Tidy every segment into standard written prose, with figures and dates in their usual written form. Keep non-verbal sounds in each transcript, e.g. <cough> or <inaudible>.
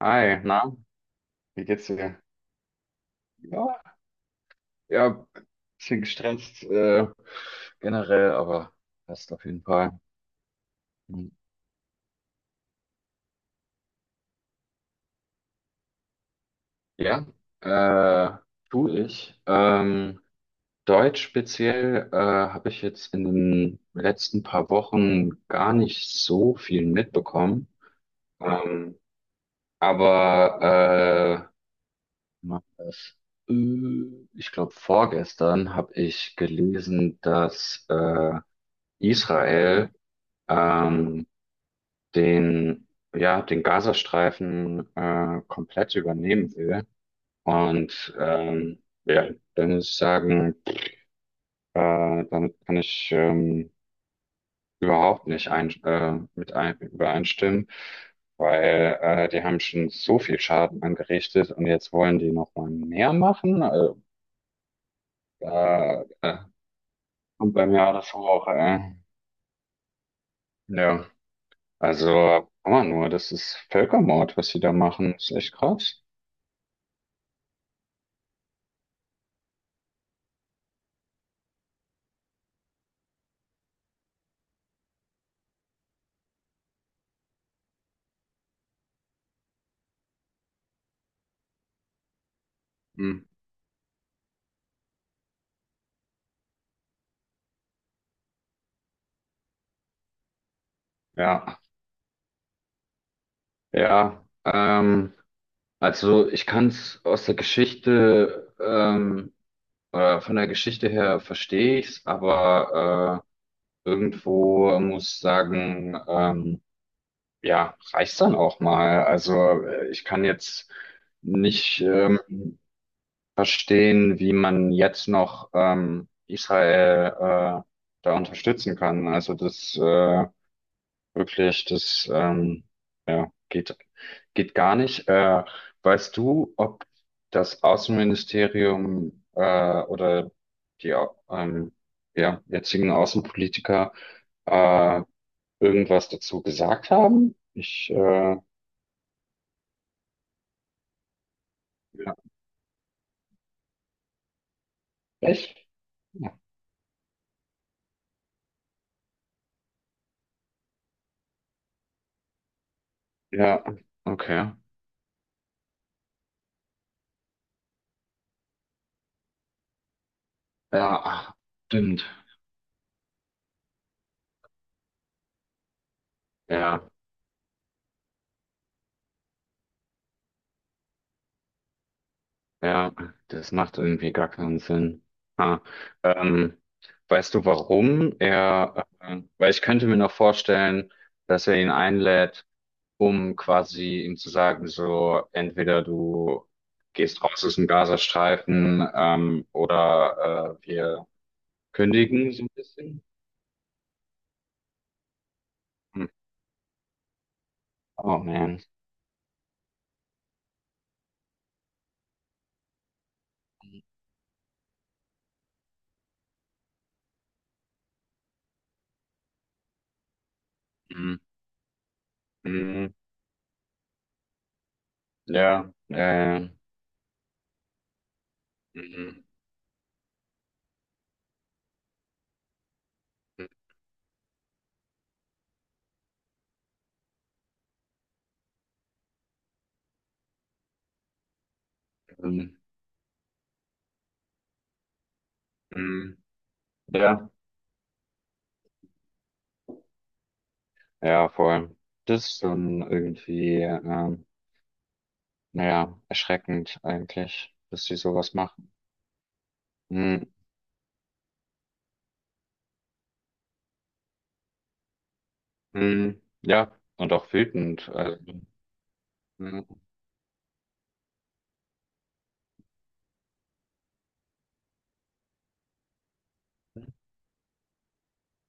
Hi, na, wie geht's dir? Ja, ja, bisschen gestresst generell, aber passt auf jeden Fall. Hm. Ja, äh, tu ich. Deutsch speziell habe ich jetzt in den letzten paar Wochen gar nicht so viel mitbekommen. Ähm, aber mach das. Ich glaube, vorgestern habe ich gelesen, dass Israel ähm, den, ja, den Gazastreifen komplett übernehmen will. Und ja, dann muss ich sagen, äh, damit kann ich überhaupt nicht ein, mit ein, übereinstimmen, weil die haben schon so viel Schaden angerichtet und jetzt wollen die noch mal mehr machen. Also, da kommt bei mir alles hoch. Ja, also, aber nur, das ist Völkermord, was sie da machen. Das ist echt krass. Hm. Ja. Ja, also ich kann es aus der Geschichte, von der Geschichte her verstehe ich's, aber irgendwo muss ich sagen, ja, reicht's dann auch mal. Also ich kann jetzt nicht verstehen, wie man jetzt noch Israel da unterstützen kann. Also das wirklich, das ja, geht gar nicht. Weißt du, ob das Außenministerium oder die ähm, ja, jetzigen Außenpolitiker äh, irgendwas dazu gesagt haben? Ich, ja, echt? Ja, okay. Ja, ach, stimmt. Ja. Ja, das macht irgendwie gar keinen Sinn. Ha. Ähm, weißt du, warum er, weil ich könnte mir noch vorstellen, dass er ihn einlädt, um quasi ihm zu sagen, so, entweder du gehst raus aus dem Gazastreifen, oder wir kündigen so ein bisschen. Hm. Oh man. Hm, hm, ja, hm, hm, hm, hm, ja. Ja, voll. Das ist dann irgendwie, naja, erschreckend eigentlich, dass sie sowas machen. Mhm. Mhm. Ja, und auch wütend. Also, mhm.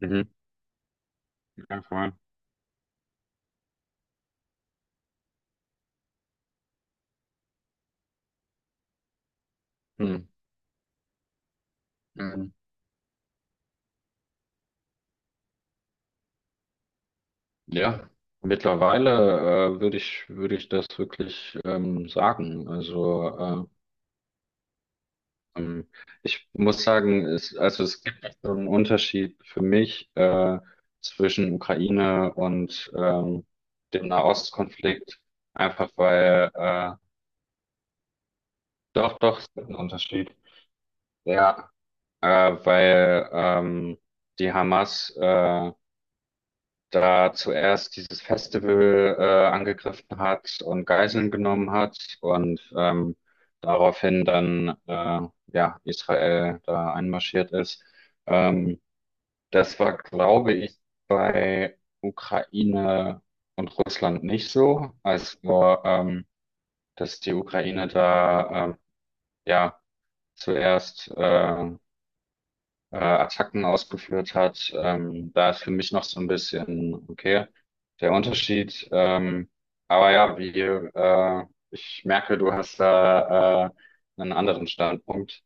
Mhm. Ja, voll. Mhm. Mhm. Ja, mittlerweile, würde ich das wirklich, sagen. Also, Ähm, ich muss sagen, es, also es gibt so einen Unterschied für mich zwischen Ukraine und dem Nahostkonflikt, einfach weil, doch, doch, es gibt einen Unterschied. Ja, äh, weil die Hamas da zuerst dieses Festival angegriffen hat und Geiseln genommen hat und daraufhin dann ja, Israel da einmarschiert ist. Ähm, Das war, glaube ich, bei Ukraine und Russland nicht so. Es war, dass die Ukraine da ja zuerst Attacken ausgeführt hat. Da ist für mich noch so ein bisschen, okay, der Unterschied. Aber ja, wie, ich merke, du hast da einen anderen Standpunkt.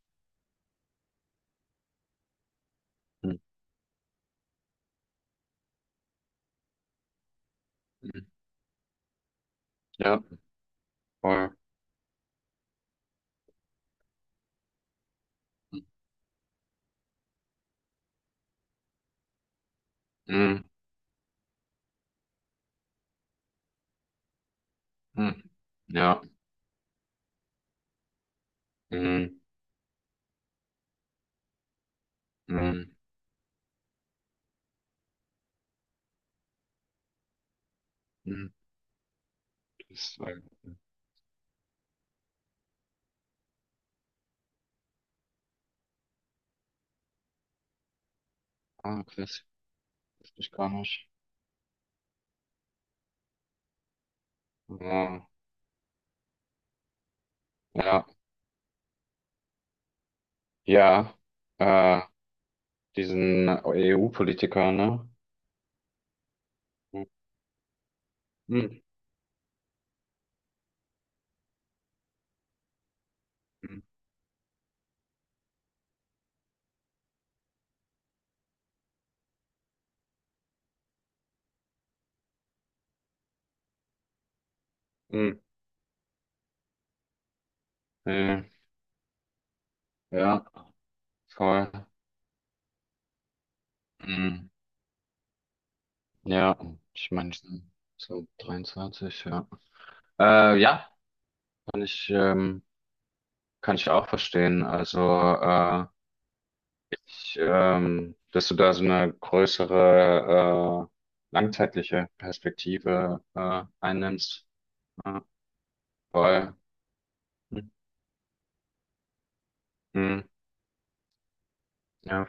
Hm, hm, ja, voll. Hm, hm, ja. Hm, hm, hm. Das war, ah, krass, wusste ich gar nicht. Ja, ja, ja, äh, diesen EU-Politiker, ne? Hm, hm, hm, äh, ja, voll. Hm, ja, ich meine, so 23, ja. Ja, kann ich, ähm, kann ich auch verstehen. Also, ich, dass du da so eine größere, langzeitliche Perspektive, einnimmst. äh, Voll. Mhm. Ja,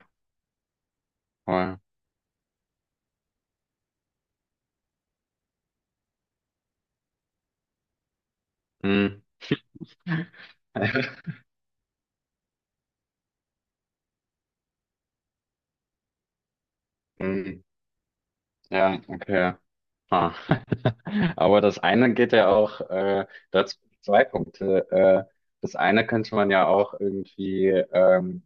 voll. Mhm. Mhm. <laughs> Ja, okay. Ah. <laughs> Aber das eine geht ja auch, dazu zwei Punkte. Das eine könnte man ja auch irgendwie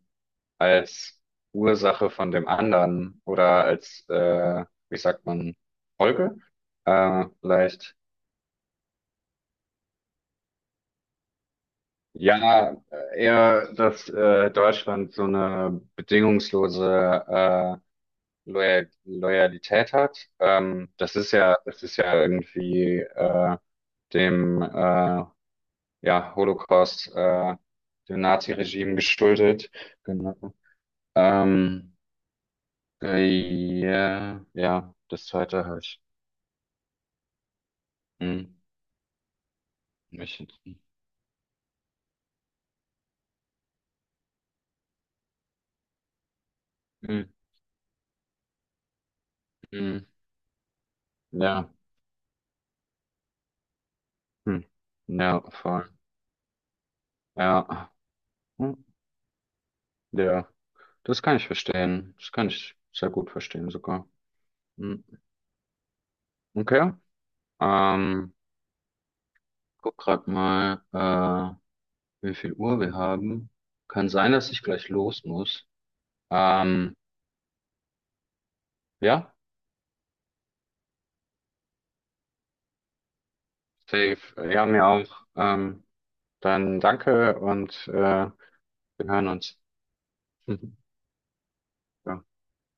als Ursache von dem anderen oder als, wie sagt man, Folge? Vielleicht. Ja, eher, dass Deutschland so eine bedingungslose äh, Loyalität hat. Das ist ja irgendwie dem ja, Holocaust, dem Nazi-Regime geschuldet. Genau. Ähm, ja, ja, das zweite habe ich. Hm, mich, hm, hm, ja, hm, ja, voll. Ja, hm, ja, das kann ich verstehen. Das kann ich sehr gut verstehen sogar. Hm, okay. Ähm, guck grad mal, wie viel Uhr wir haben. Kann sein, dass ich gleich los muss. Ähm, ja, safe. Ja, mir auch. Dann danke und wir hören uns. <laughs> Mhm.